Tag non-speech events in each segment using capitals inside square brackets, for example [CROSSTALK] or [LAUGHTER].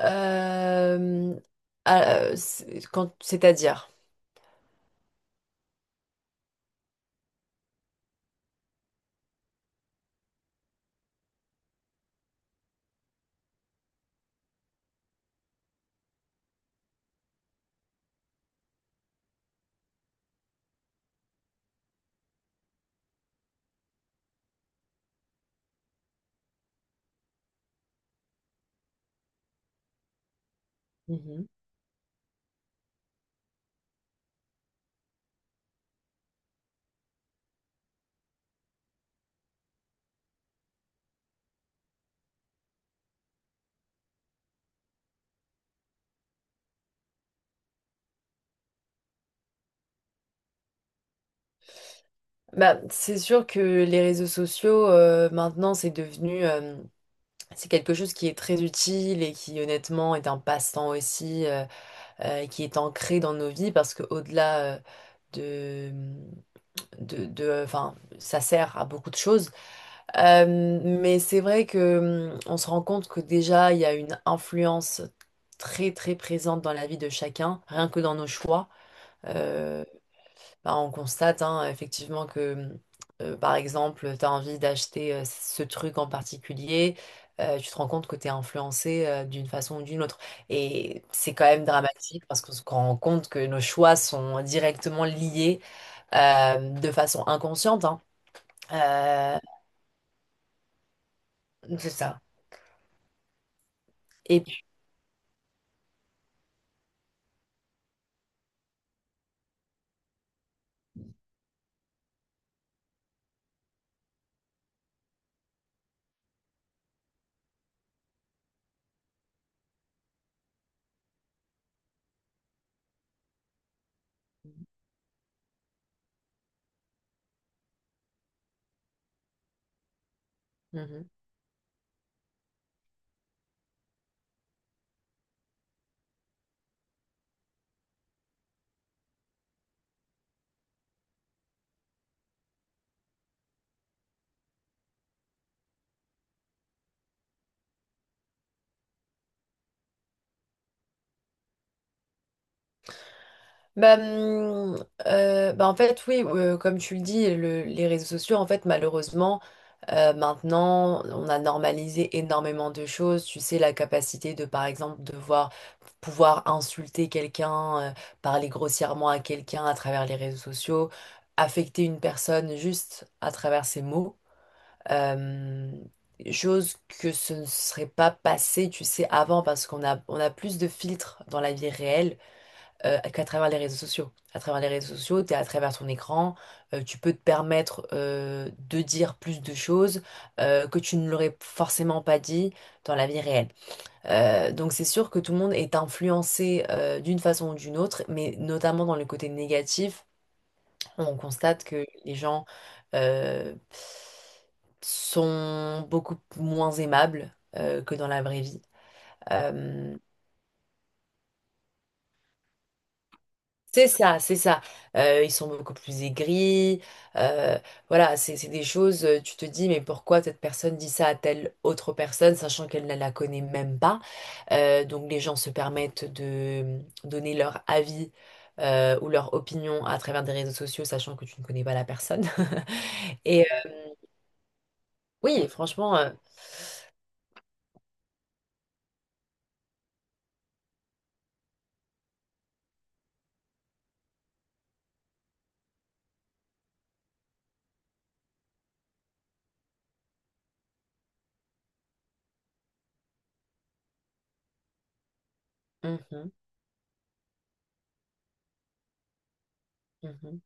Euh, c'est- c'est-à-dire. Mhm. Bah, c'est sûr que les réseaux sociaux, maintenant, c'est devenu, c'est quelque chose qui est très utile et qui, honnêtement, est un passe-temps aussi, qui est ancré dans nos vies parce qu'au-delà, de, enfin, ça sert à beaucoup de choses. Euh, mais c'est vrai que, on se rend compte que déjà, il y a une influence très, très présente dans la vie de chacun, rien que dans nos choix. Euh, Bah, on constate hein, effectivement que, par exemple, tu as envie d'acheter ce truc en particulier, tu te rends compte que tu es influencé d'une façon ou d'une autre. Et c'est quand même dramatique parce qu'on se rend compte que nos choix sont directement liés de façon inconsciente, hein. Euh, c'est ça. Et puis. Mhm. Bah, en fait, oui, comme tu le dis, le- les réseaux sociaux, en fait, malheureusement, maintenant, on a normalisé énormément de choses. Tu sais, la capacité de, par exemple, de voir, pouvoir insulter quelqu'un, parler grossièrement à quelqu'un à travers les réseaux sociaux, affecter une personne juste à travers ses mots. Euh, Chose que ce ne serait pas passé, tu sais, avant, parce qu'on a, on a plus de filtres dans la vie réelle qu'à travers les réseaux sociaux. À travers les réseaux sociaux, tu es à travers ton écran, tu peux te permettre de dire plus de choses que tu ne l'aurais forcément pas dit dans la vie réelle. Donc c'est sûr que tout le monde est influencé d'une façon ou d'une autre, mais notamment dans le côté négatif, on constate que les gens euh, sont beaucoup moins aimables que dans la vraie vie. Euh, C'est ça, c'est ça. Ils sont beaucoup plus aigris. euh, voilà, c'est des choses, tu te dis, mais pourquoi cette personne dit ça à telle autre personne, sachant qu'elle ne la connaît même pas. Donc les gens se permettent de donner leur avis ou leur opinion à travers des réseaux sociaux, sachant que tu ne connais pas la personne. [LAUGHS] Et oui, franchement, mhm, mhm,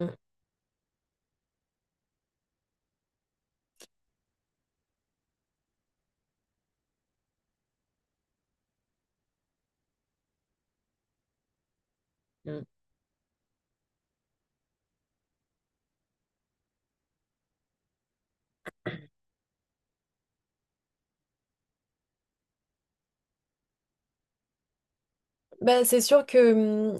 mhm, mhm. Bah, c'est sûr que,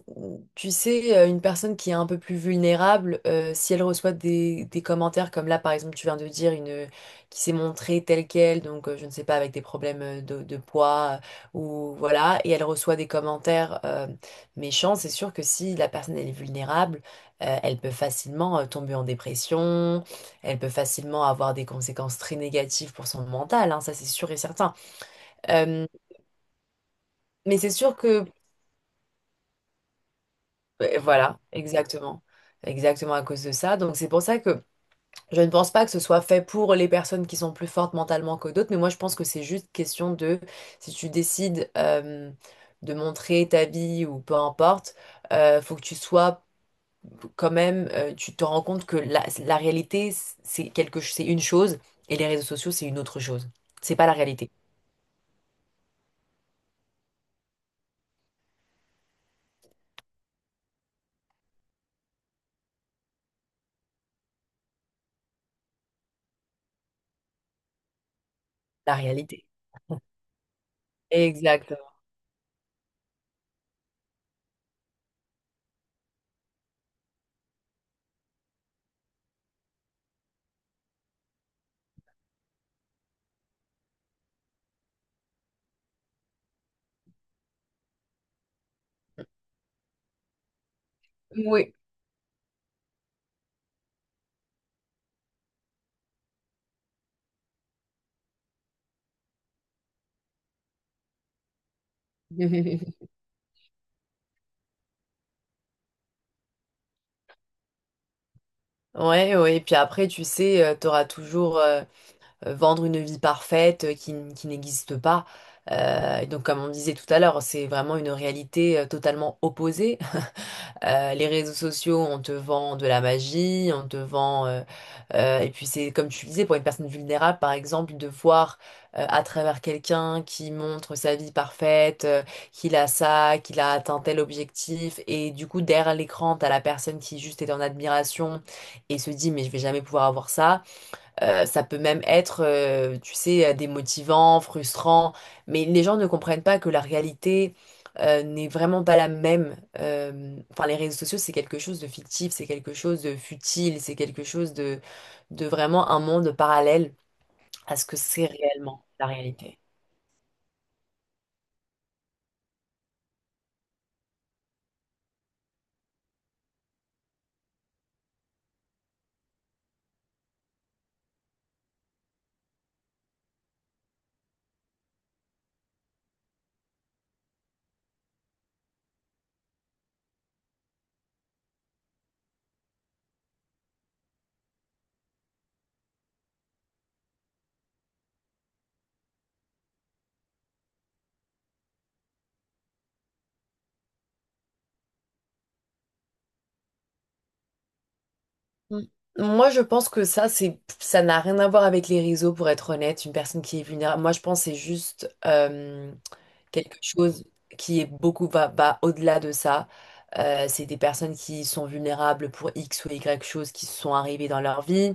tu sais, une personne qui est un peu plus vulnérable, si elle reçoit des commentaires comme là, par exemple, tu viens de dire, une qui s'est montrée telle qu'elle, donc je ne sais pas, avec des problèmes de poids, ou voilà, et elle reçoit des commentaires méchants. C'est sûr que si la personne, elle est vulnérable, elle peut facilement tomber en dépression, elle peut facilement avoir des conséquences très négatives pour son mental, hein. Ça, c'est sûr et certain. Euh, mais c'est sûr que. Et voilà, exactement. Exactement à cause de ça. Donc c'est pour ça que je ne pense pas que ce soit fait pour les personnes qui sont plus fortes mentalement que d'autres, mais moi je pense que c'est juste question de, si tu décides de montrer ta vie ou peu importe, faut que tu sois quand même, tu te rends compte que la réalité, c'est une chose et les réseaux sociaux, c'est une autre chose. C'est pas la réalité. La réalité. Exactement. Oui. [LAUGHS] Ouais, ouais, et puis après, tu sais, tu auras toujours vendre une vie parfaite qui, n- qui n'existe pas. Et donc, comme on disait tout à l'heure, c'est vraiment une réalité totalement opposée. [LAUGHS] Les réseaux sociaux, on te vend de la magie, on te vend... et puis, c'est comme tu disais, pour une personne vulnérable, par exemple, de voir à travers quelqu'un qui montre sa vie parfaite, qu'il a ça, qu'il a atteint tel objectif. Et du coup, derrière l'écran, t'as la personne qui juste est en admiration et se dit, mais je vais jamais pouvoir avoir ça. Ça peut même être, tu sais, démotivant, frustrant, mais les gens ne comprennent pas que la réalité n'est vraiment pas la même. Enfin, les réseaux sociaux, c'est quelque chose de fictif, c'est quelque chose de futile, c'est quelque chose de vraiment un monde parallèle à ce que c'est réellement la réalité. Mm. Moi, je pense que ça, ça n'a rien à voir avec les réseaux, pour être honnête. Une personne qui est vulnérable, moi, je pense que c'est juste quelque chose qui est beaucoup va au-delà de ça. C'est des personnes qui sont vulnérables pour X ou Y choses qui sont arrivées dans leur vie,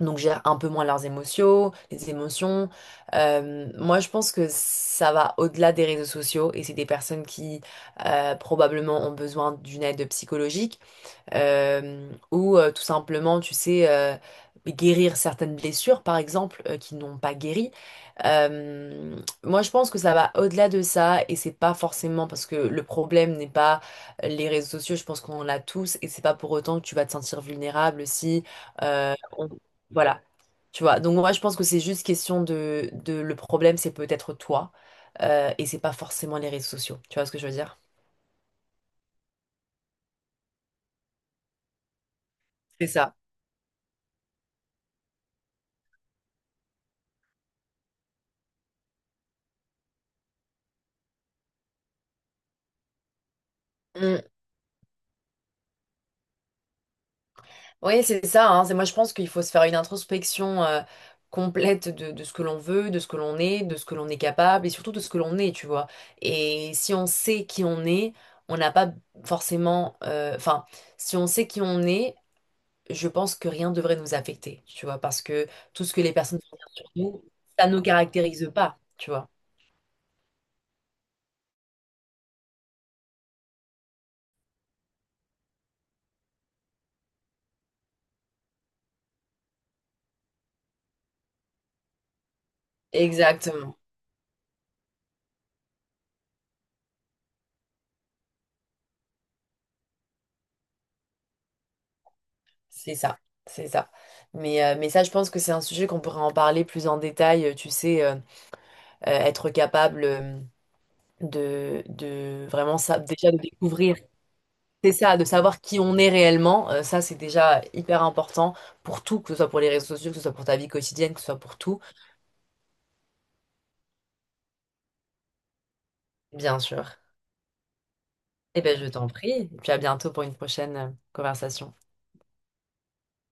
donc gèrent un peu moins les émotions. Moi, je pense que ça va au-delà des réseaux sociaux, et c'est des personnes qui probablement ont besoin d'une aide psychologique ou tout simplement, tu sais, guérir certaines blessures, par exemple, qui n'ont pas guéri. Euh, Moi, je pense que ça va au-delà de ça, et c'est pas forcément parce que le problème n'est pas les réseaux sociaux, je pense qu'on l'a tous, et c'est pas pour autant que tu vas te sentir vulnérable si euh, on- voilà, tu vois. Donc, moi, je pense que c'est juste question de le problème, c'est peut-être toi, et c'est pas forcément les réseaux sociaux. Tu vois ce que je veux dire? C'est ça. Oui, c'est ça, hein. C'est Moi, je pense qu'il faut se faire une introspection complète de ce que l'on veut, de ce que l'on est, de ce que l'on est capable et surtout de ce que l'on est, tu vois. Et si on sait qui on est, on n'a pas forcément. Enfin, si on sait qui on est, je pense que rien ne devrait nous affecter, tu vois, parce que tout ce que les personnes font sur nous, ça ne nous caractérise pas, tu vois. Exactement, c'est ça, c'est ça. Mais ça, je pense que c'est un sujet qu'on pourrait en parler plus en détail, tu sais, être capable de vraiment ça, déjà de découvrir, c'est ça, de savoir qui on est réellement. Ça, c'est déjà hyper important pour tout, que ce soit pour les réseaux sociaux, que ce soit pour ta vie quotidienne, que ce soit pour tout, bien sûr. Eh bien, je t'en prie, et puis à bientôt pour une prochaine conversation.